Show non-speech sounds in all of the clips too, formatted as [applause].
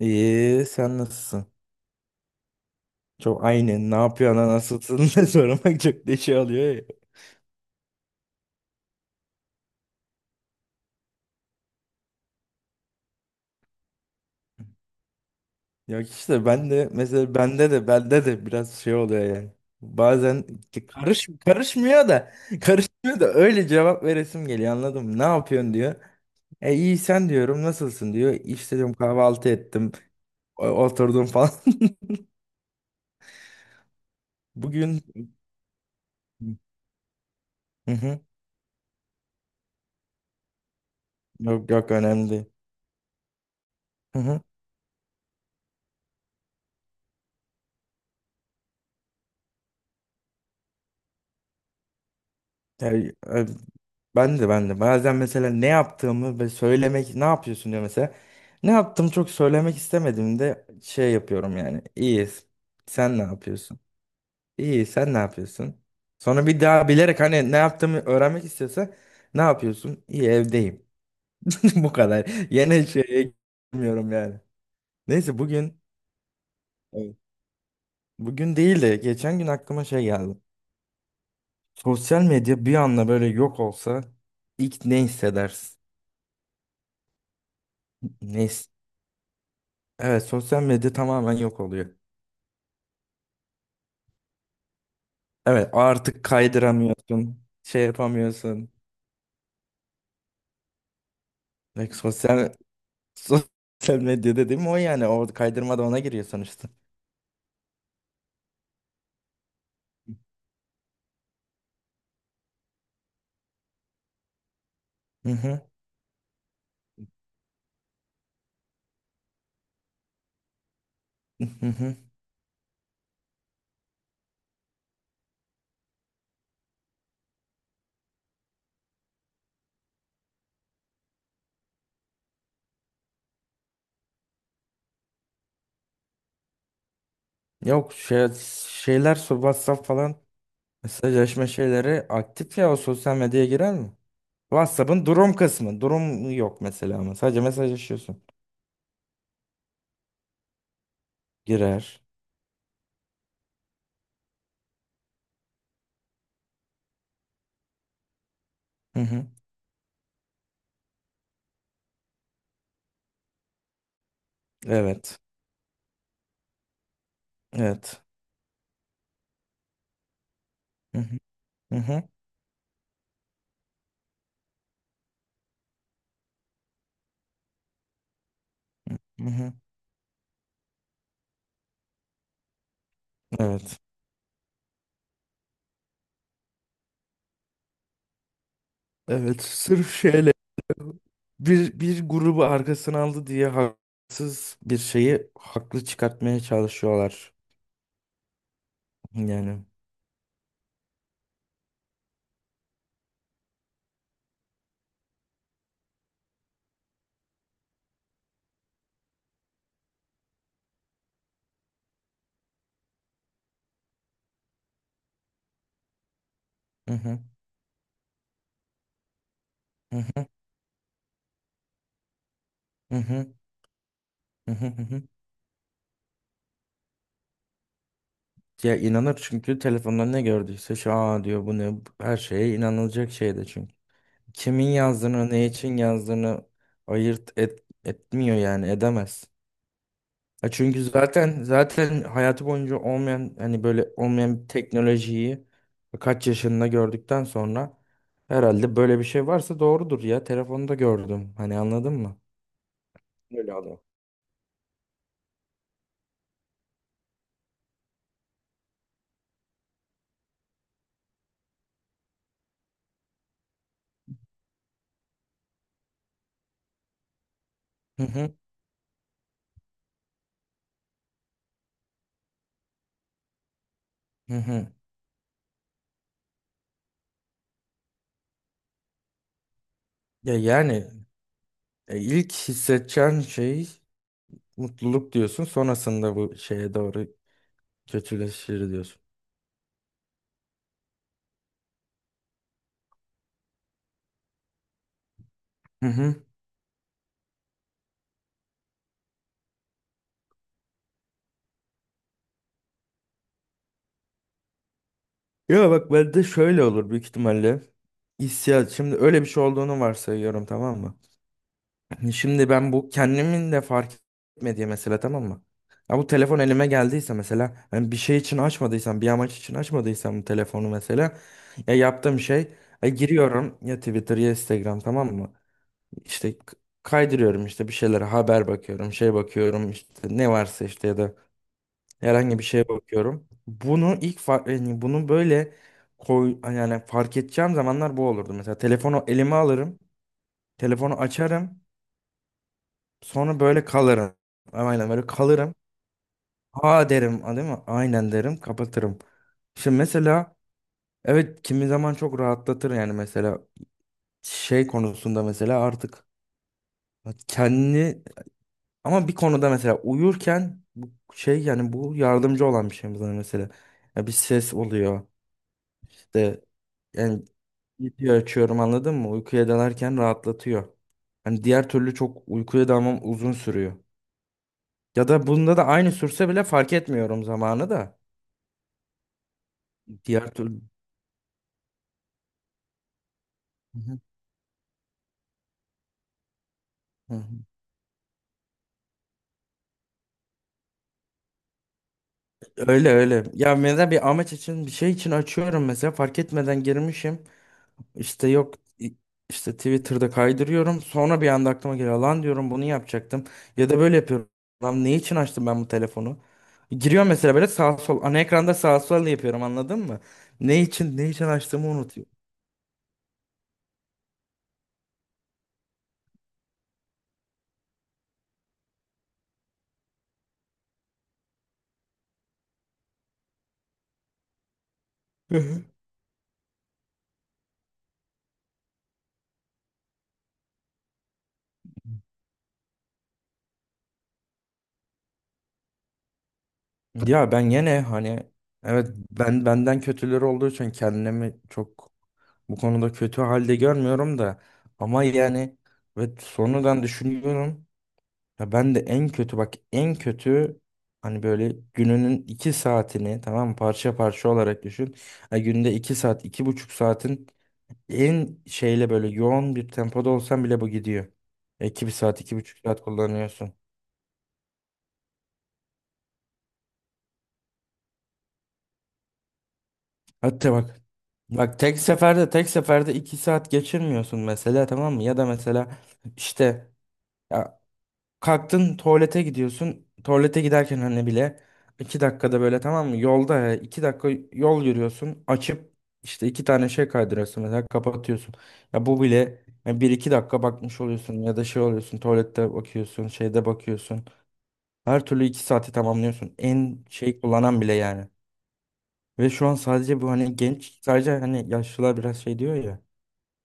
İyi, sen nasılsın? Çok aynı. Ne yapıyorsun, nasılsın [laughs] diye sormak çok da şey alıyor ya. Yok işte ben de mesela bende de biraz şey oluyor yani. Bazen karış karışmıyor da [laughs] karışmıyor da öyle cevap veresim geliyor anladın mı? Ne yapıyorsun diyor. E iyi sen diyorum nasılsın diyor. İşte diyorum kahvaltı ettim oturdum falan. [laughs] Bugün hı hı. Yok, önemli değil. Ya, e, ben de bazen mesela ne yaptığımı ve söylemek ne yapıyorsun diyor mesela. Ne yaptım çok söylemek istemediğimde şey yapıyorum yani. İyi sen ne yapıyorsun? İyi sen ne yapıyorsun? Sonra bir daha bilerek hani ne yaptığımı öğrenmek istiyorsa ne yapıyorsun? İyi evdeyim. [laughs] Bu kadar. Yine şeye girmiyorum yani. Neyse bugün evet, bugün değil de geçen gün aklıma şey geldi. Sosyal medya bir anda böyle yok olsa ilk ne hissedersin? Ne evet, sosyal medya tamamen yok oluyor. Evet artık kaydıramıyorsun. Şey yapamıyorsun. Like, sosyal [laughs] sosyal medya dediğim o yani. O kaydırma da ona giriyor sonuçta. Hı hı. Hı hı. Yok şey, WhatsApp falan mesajlaşma şeyleri aktif ya o sosyal medyaya girer mi? WhatsApp'ın durum kısmı. Durum yok mesela ama sadece mesajlaşıyorsun. Girer. Hı hı. Evet. Evet. Hı hı. Hı hı. Hı hı. Evet. Evet. Sırf şeyle bir grubu arkasına aldı diye haksız bir şeyi haklı çıkartmaya çalışıyorlar. Yani. Hı hı, hı hı, hı hı, hı hı, hı hı. Ya inanır çünkü telefonda ne gördüyse şu aa diyor bu ne her şeye inanılacak şey de çünkü. Kimin yazdığını ne için yazdığını etmiyor yani edemez. Ya çünkü zaten hayatı boyunca olmayan hani böyle olmayan bir teknolojiyi kaç yaşında gördükten sonra herhalde böyle bir şey varsa doğrudur ya. Telefonda gördüm. Hani anladın mı? Öyle adam. Hı hı, hı hı. Ya yani ilk hissedeceğin şey mutluluk diyorsun. Sonrasında bu şeye doğru kötüleşir diyorsun. Hı hı. Ya bak bende şöyle olur büyük ihtimalle. Hissiyat. Şimdi öyle bir şey olduğunu varsayıyorum, tamam mı? Şimdi ben bu kendimin de fark etmediği mesela, tamam mı? Ya bu telefon elime geldiyse mesela ben bir şey için açmadıysam bir amaç için açmadıysam bu telefonu mesela ya yaptığım şey ya giriyorum ya Twitter ya Instagram, tamam mı? İşte kaydırıyorum işte bir şeylere haber bakıyorum şey bakıyorum işte ne varsa işte ya da herhangi bir şeye bakıyorum. Bunu yani bunu böyle koy yani fark edeceğim zamanlar bu olurdu. Mesela telefonu elime alırım telefonu açarım sonra böyle kalırım. Aynen böyle kalırım. Ha derim a, değil mi? Aynen derim kapatırım. Şimdi mesela evet kimi zaman çok rahatlatır yani mesela şey konusunda mesela artık kendi ama bir konuda mesela uyurken bu şey yani bu yardımcı olan bir şey bana mesela. Ya bir ses oluyor işte yani video açıyorum anladın mı? Uykuya dalarken rahatlatıyor. Hani diğer türlü çok uykuya dalmam uzun sürüyor. Ya da bunda da aynı sürse bile fark etmiyorum zamanı da. Diğer türlü. Hı hı, hı hı. Öyle öyle. Ya mesela bir amaç için bir şey için açıyorum mesela fark etmeden girmişim. İşte yok i- işte Twitter'da kaydırıyorum. Sonra bir anda aklıma geliyor lan diyorum bunu yapacaktım. Ya da böyle yapıyorum. Lan ne için açtım ben bu telefonu? Giriyor mesela böyle sağ sol ana ekranda sağ sol yapıyorum anladın mı? Ne için açtığımı unutuyorum. [laughs] Ya ben yine hani evet ben benden kötüleri olduğu için kendimi çok bu konuda kötü halde görmüyorum da ama yani ve sonradan düşünüyorum ya ben de en kötü bak en kötü hani böyle gününün 2 saatini, tamam mı? Parça parça olarak düşün. Ha, günde 2 saat 2,5 saatin en şeyle böyle yoğun bir tempoda olsan bile bu gidiyor. Bir saat 2,5 saat kullanıyorsun. Hatta bak. Bak tek seferde 2 saat geçirmiyorsun mesela, tamam mı? Ya da mesela işte ya kalktın tuvalete gidiyorsun. Tuvalete giderken hani bile 2 dakikada böyle, tamam mı? Yolda ya, 2 dakika yol yürüyorsun. Açıp işte iki tane şey kaydırıyorsun mesela kapatıyorsun. Ya bu bile ya bir iki dakika bakmış oluyorsun ya da şey oluyorsun tuvalette bakıyorsun şeyde bakıyorsun. Her türlü 2 saati tamamlıyorsun. En şey kullanan bile yani. Ve şu an sadece bu hani genç sadece hani yaşlılar biraz şey diyor ya.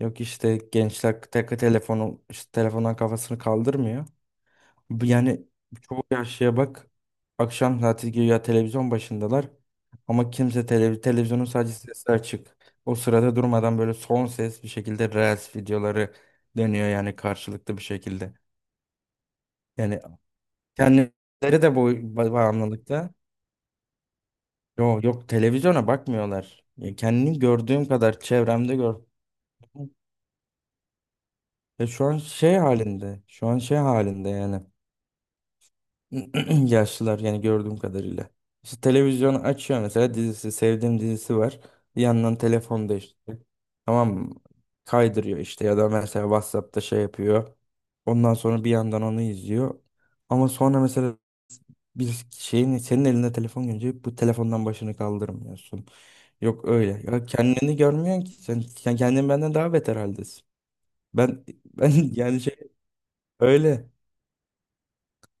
Yok işte gençler tek telefonu işte telefondan kafasını kaldırmıyor. Bu yani çoğu yaşlıya bak akşam saati güya televizyon başındalar. Ama kimse televizyonun sadece sesi açık. O sırada durmadan böyle son ses bir şekilde Reels videoları dönüyor yani karşılıklı bir şekilde. Yani kendileri de bu bağımlılıkta. Yok yok, televizyona bakmıyorlar. Yani kendini gördüğüm kadar çevremde gör. Ya şu an şey halinde yani [clears throat] yaşlılar yani gördüğüm kadarıyla. İşte televizyonu açıyor mesela dizisi, sevdiğim dizisi var. Bir yandan telefonda işte, tamam mı? Kaydırıyor işte ya da mesela WhatsApp'ta şey yapıyor. Ondan sonra bir yandan onu izliyor. Ama sonra mesela bir şeyin senin elinde telefon görünce bu telefondan başını kaldırmıyorsun. Yok öyle. Ya kendini görmüyorsun ki sen, kendin benden daha beter haldesin. Ben [laughs] yani şey öyle.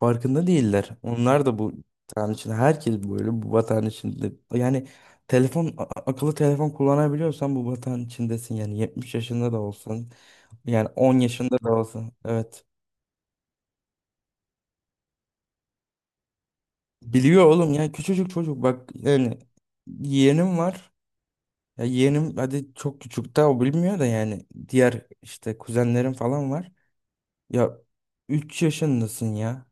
Farkında değiller. Onlar da bu vatan için herkes böyle bu vatan içinde. Yani telefon akıllı telefon kullanabiliyorsan bu vatan içindesin yani 70 yaşında da olsan yani 10 yaşında da olsan evet. Biliyor oğlum ya küçücük çocuk bak yani yeğenim var. Ya yeğenim hadi çok küçük daha o bilmiyor da yani diğer işte kuzenlerim falan var. Ya 3 yaşındasın ya.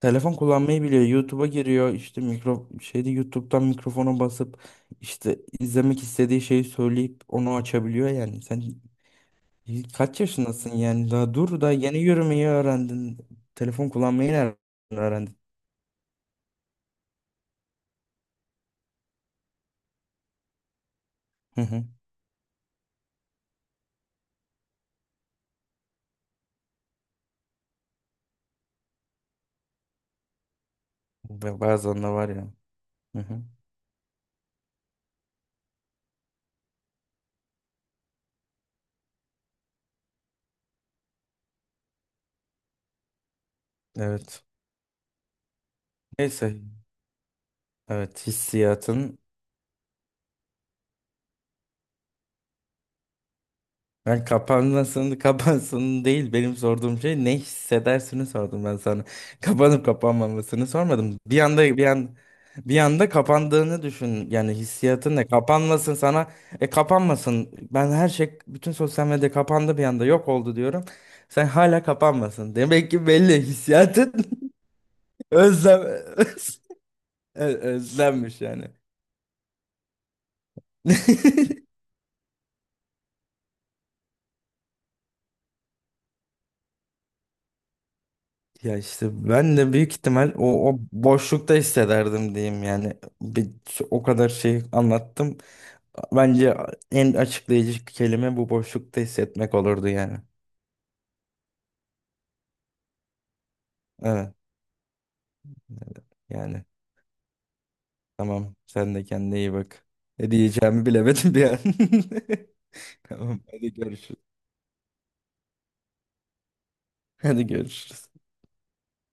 Telefon kullanmayı biliyor. YouTube'a giriyor. İşte mikro şeyde YouTube'dan mikrofona basıp işte izlemek istediği şeyi söyleyip onu açabiliyor yani. Sen kaç yaşındasın yani? Daha dur da yeni yürümeyi öğrendin. Telefon kullanmayı nereden öğrendin? Hı hı. Ve bazen de var ya. Hı hı. Evet. Neyse. Evet hissiyatın ben kapanmasını kapansın [laughs] değil, benim sorduğum şey ne hissedersini sordum ben sana. [laughs] Kapanıp kapanmamasını sormadım. Bir anda kapandığını düşün. Yani hissiyatın ne? Kapanmasın sana. E kapanmasın. Ben her şey bütün sosyal medya kapandı bir anda yok oldu diyorum. Sen hala kapanmasın. Demek ki belli hissiyatın [laughs] özlem [laughs] özlenmiş yani. [laughs] Ya işte ben de büyük ihtimal o boşlukta hissederdim diyeyim yani. Bir, o kadar şey anlattım. Bence en açıklayıcı kelime bu boşlukta hissetmek olurdu yani. Evet. Evet. Yani tamam, sen de kendine iyi bak. Ne diyeceğimi bilemedim bir an. [laughs] Tamam hadi görüşürüz. Hadi görüşürüz.